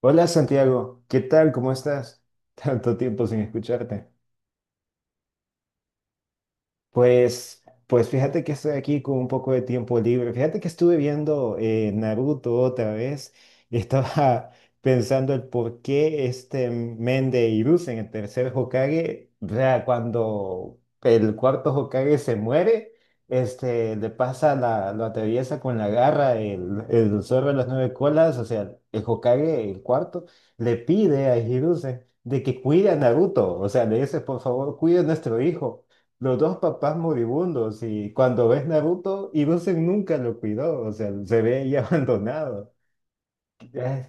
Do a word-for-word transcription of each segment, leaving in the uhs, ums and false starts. Hola Santiago, ¿qué tal? ¿Cómo estás? Tanto tiempo sin escucharte. Pues, pues fíjate que estoy aquí con un poco de tiempo libre. Fíjate que estuve viendo eh, Naruto otra vez y estaba pensando el por qué este men de Hiruzen, el tercer Hokage, o sea, cuando el cuarto Hokage se muere, este, le pasa la, lo atraviesa con la garra el, el zorro de las nueve colas, o sea, el Hokage, el cuarto, le pide a Hiruzen de que cuide a Naruto, o sea, le dice, por favor, cuide a nuestro hijo. Los dos papás moribundos y cuando ves Naruto, Hiruzen nunca lo cuidó, o sea, se ve ahí abandonado. Eh,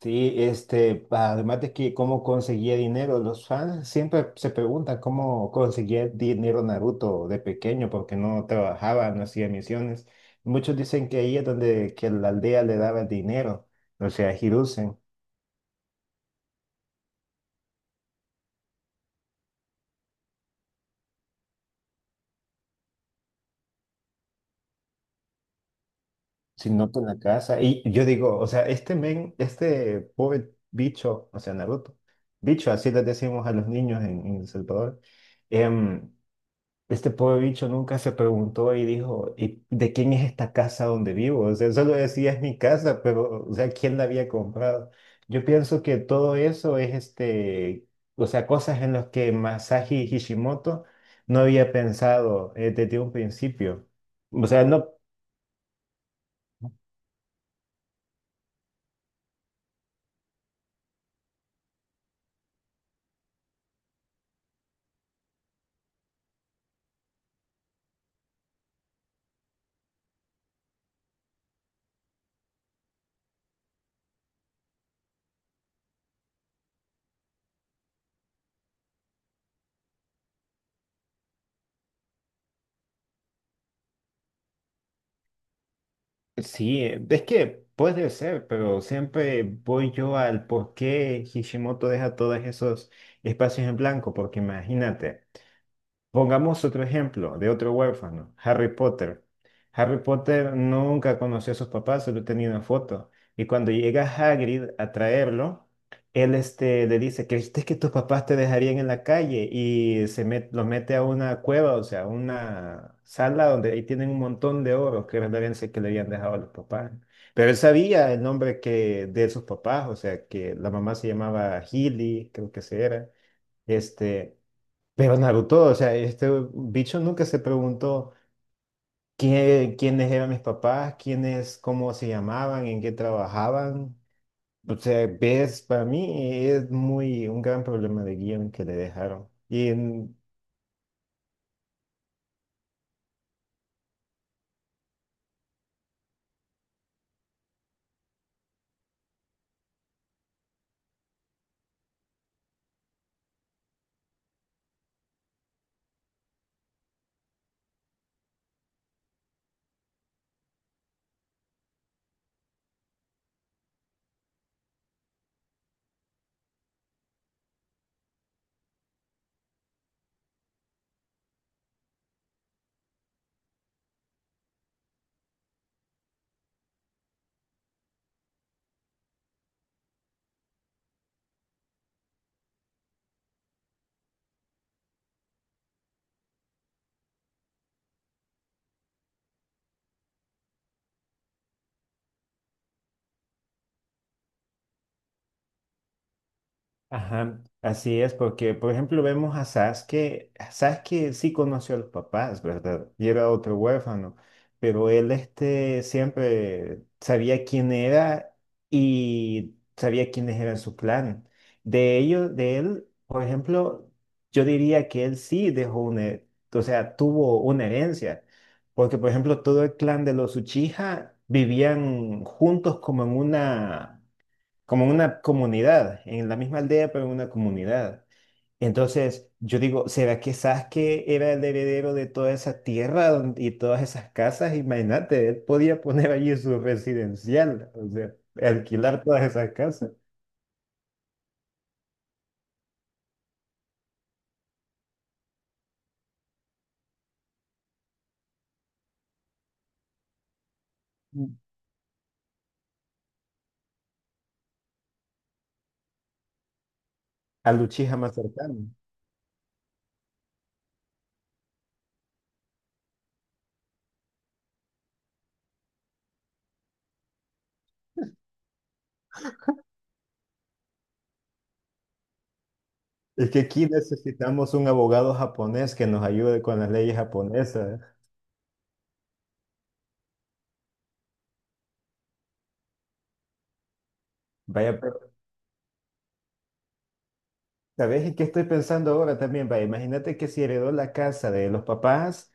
Sí, este, además de que cómo conseguía dinero, los fans siempre se preguntan cómo conseguía dinero Naruto de pequeño, porque no trabajaba, no hacía misiones. Muchos dicen que ahí es donde que la aldea le daba el dinero, o sea, Hiruzen. Si noto en la casa. Y yo digo, o sea, este men, este pobre bicho, o sea, Naruto, bicho, así le decimos a los niños en, en El Salvador, em, este pobre bicho nunca se preguntó y dijo, ¿y de quién es esta casa donde vivo? O sea, solo decía, es mi casa, pero, o sea, ¿quién la había comprado? Yo pienso que todo eso es este, o sea, cosas en las que Masashi Hishimoto no había pensado eh, desde un principio. O sea, no. Sí, eh, es que puede ser, pero siempre voy yo al por qué Hishimoto deja todos esos espacios en blanco, porque imagínate. Pongamos otro ejemplo de otro huérfano, Harry Potter. Harry Potter nunca conoció a sus papás, solo tenía una foto. Y cuando llega Hagrid a traerlo, él este, le dice, ¿creíste que tus papás te dejarían en la calle? Y se met- los mete a una cueva, o sea, una sala donde ahí tienen un montón de oros que referencia que le habían dejado a los papás. Pero él sabía el nombre que, de sus papás, o sea, que la mamá se llamaba Healy, creo que se era. Este, pero Naruto, o sea, este bicho nunca se preguntó qué- quiénes eran mis papás, quiénes, cómo se llamaban, en qué trabajaban. O sea, ves, para mí es muy un gran problema de guión que le dejaron. Y en- Ajá, así es, porque por ejemplo vemos a Sasuke, Sasuke sí conoció a los papás, ¿verdad? Y era otro huérfano, pero él este siempre sabía quién era y sabía quiénes eran su clan. De ellos, de él, por ejemplo, yo diría que él sí dejó una, o sea, tuvo una herencia, porque por ejemplo todo el clan de los Uchiha vivían juntos como en una como en una comunidad, en la misma aldea, pero en una comunidad. Entonces, yo digo, ¿será que Sasuke era el heredero de toda esa tierra don- y todas esas casas? Imagínate, él podía poner allí su residencial, o sea, alquilar todas esas casas al Uchiha más cercano. Es que aquí necesitamos un abogado japonés que nos ayude con las leyes japonesas. Vaya. ¿Sabes en qué estoy pensando ahora también? Va, imagínate que si heredó la casa de los papás,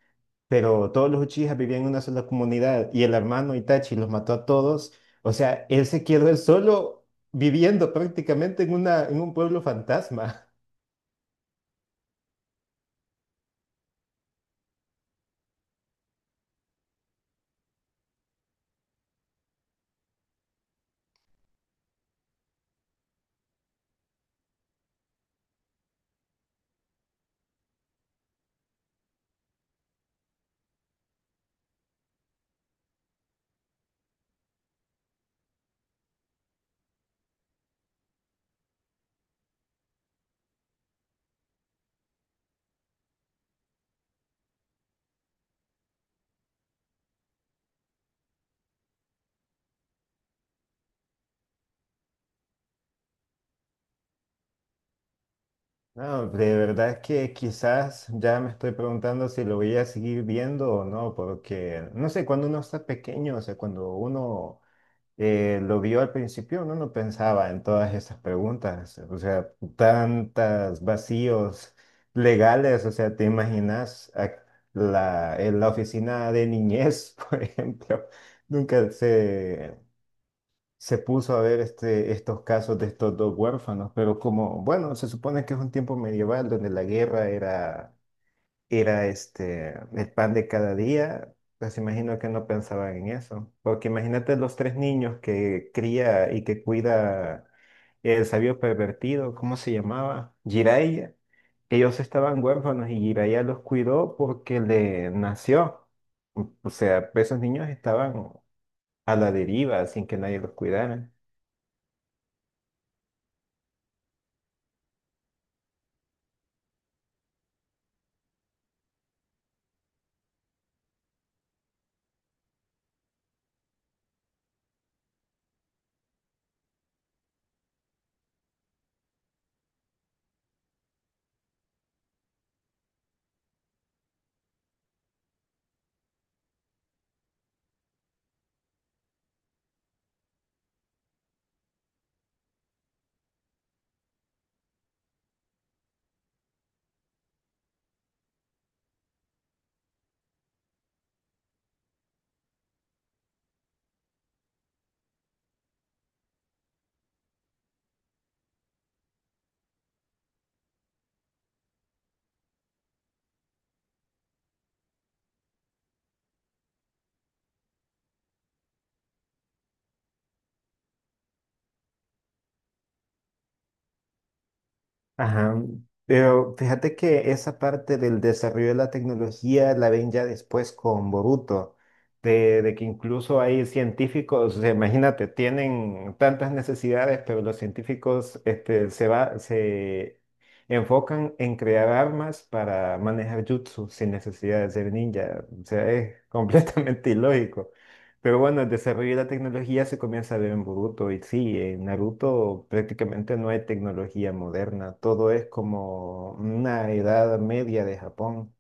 pero todos los Uchijas vivían en una sola comunidad y el hermano Itachi los mató a todos. O sea, él se quedó él solo viviendo prácticamente en una, en un pueblo fantasma. No, de verdad que quizás ya me estoy preguntando si lo voy a seguir viendo o no, porque no sé, cuando uno está pequeño, o sea, cuando uno eh, lo vio al principio, uno no pensaba en todas esas preguntas, o sea, tantos vacíos legales, o sea, te imaginas a- la, en la oficina de niñez, por ejemplo, nunca se, se puso a ver este, estos casos de estos dos huérfanos, pero como, bueno, se supone que es un tiempo medieval donde la guerra era era este, el pan de cada día, pues imagino que no pensaban en eso. Porque imagínate los tres niños que cría y que cuida el sabio pervertido, ¿cómo se llamaba? Jiraiya. Ellos estaban huérfanos y Jiraiya los cuidó porque le nació. O sea, esos niños estaban a la deriva sin que nadie los cuidara. Ajá. Pero fíjate que esa parte del desarrollo de la tecnología la ven ya después con Boruto, de, de que incluso hay científicos, o sea, imagínate, tienen tantas necesidades, pero los científicos este, se va, se enfocan en crear armas para manejar jutsu sin necesidad de ser ninja. O sea, es completamente ilógico. Pero bueno, el desarrollo de la tecnología se comienza a ver en Boruto y sí, en Naruto prácticamente no hay tecnología moderna, todo es como una edad media de Japón.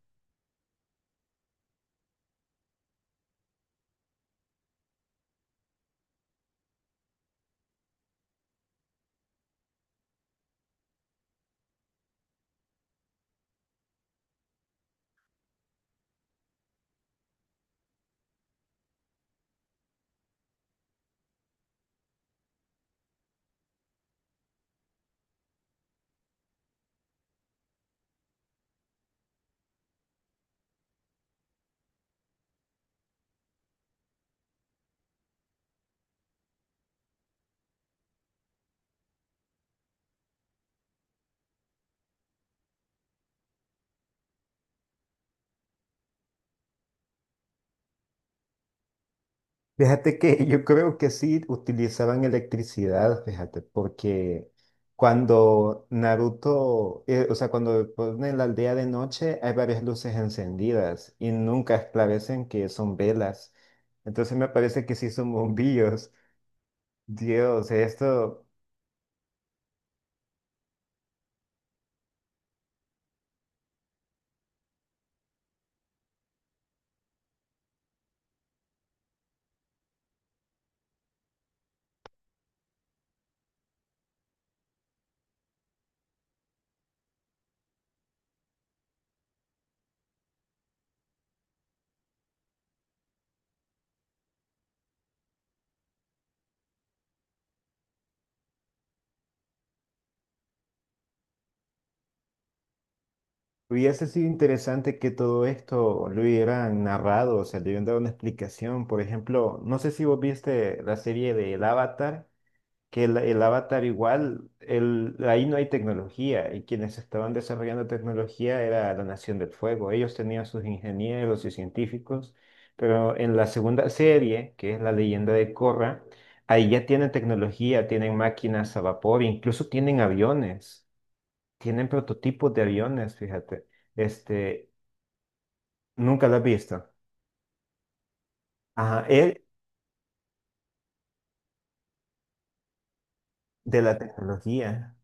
Fíjate que yo creo que sí utilizaban electricidad, fíjate, porque cuando Naruto, eh, o sea, cuando ponen la aldea de noche hay varias luces encendidas y nunca esclarecen que son velas. Entonces me parece que sí son bombillos. Dios, esto... Hubiese sido interesante que todo esto lo hubieran narrado, o sea, le hubieran dado una explicación. Por ejemplo, no sé si vos viste la serie de El Avatar, que el, el Avatar igual, el, ahí no hay tecnología y quienes estaban desarrollando tecnología era la Nación del Fuego. Ellos tenían sus ingenieros y científicos, pero en la segunda serie, que es La Leyenda de Korra, ahí ya tienen tecnología, tienen máquinas a vapor, incluso tienen aviones. Tienen prototipos de aviones, fíjate. Este, nunca lo has visto. Ajá, él de la tecnología.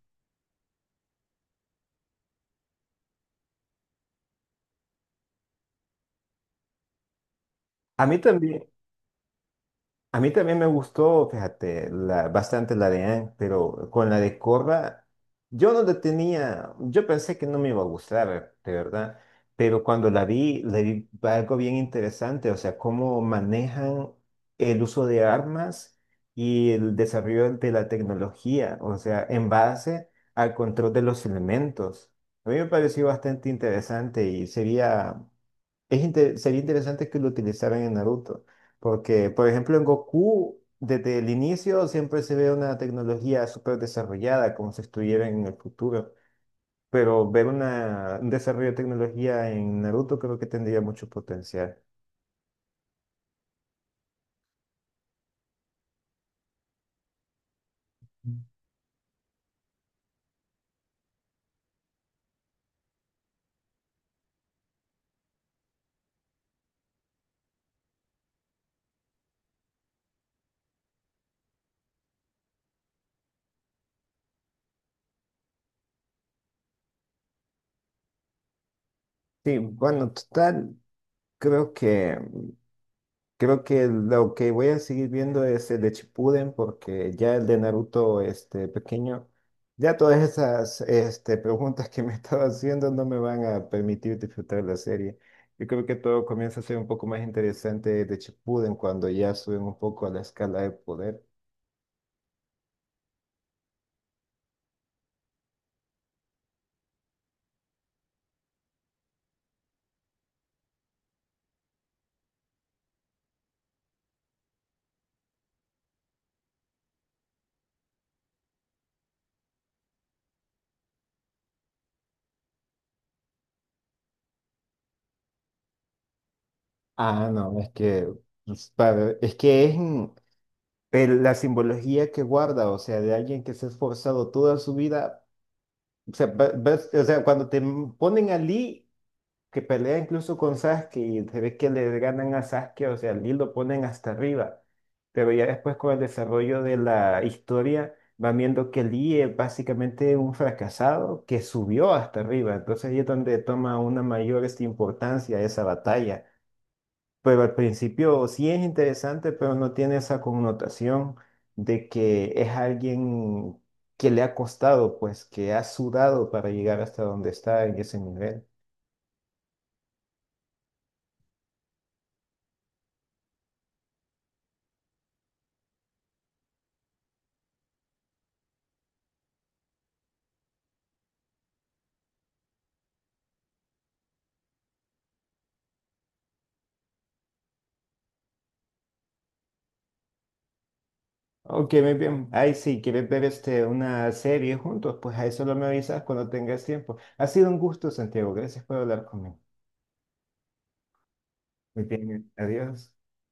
A mí también. A mí también me gustó, fíjate, la- bastante la de Anne, pero con la de Corra, yo no la tenía, yo pensé que no me iba a gustar, de verdad, pero cuando la vi, le vi algo bien interesante, o sea, cómo manejan el uso de armas y el desarrollo de la tecnología, o sea, en base al control de los elementos. A mí me pareció bastante interesante y sería es inte- sería interesante que lo utilizaran en Naruto, porque, por ejemplo, en Goku, desde el inicio siempre se ve una tecnología súper desarrollada, como si estuviera en el futuro, pero ver una, un desarrollo de tecnología en Naruto creo que tendría mucho potencial. Sí, bueno, total, creo que Creo que lo que voy a seguir viendo es el de Shippuden porque ya el de Naruto este pequeño, ya todas esas este, preguntas que me estaba haciendo no me van a permitir disfrutar la serie. Yo creo que todo comienza a ser un poco más interesante de Shippuden cuando ya suben un poco a la escala de poder. Ah, no, es que pues, para- es que es mm, el- la simbología que guarda, o sea, de alguien que se ha esforzado toda su vida, o sea, va- vas- o sea, cuando te m- ponen a Lee que pelea incluso con Sasuke y se ve que le ganan a Sasuke, o sea, Lee lo ponen hasta arriba. Pero ya después con el desarrollo de la historia van viendo que Lee es básicamente un fracasado que subió hasta arriba. Entonces ahí es donde toma una mayor este, importancia esa batalla. Pero al principio sí es interesante, pero no tiene esa connotación de que es alguien que le ha costado, pues que ha sudado para llegar hasta donde está en ese nivel. Ok, muy bien. Ahí sí, ¿quieres ver este, una serie juntos? Pues ahí solo me avisas cuando tengas tiempo. Ha sido un gusto, Santiago. Gracias por hablar conmigo. Muy bien, adiós.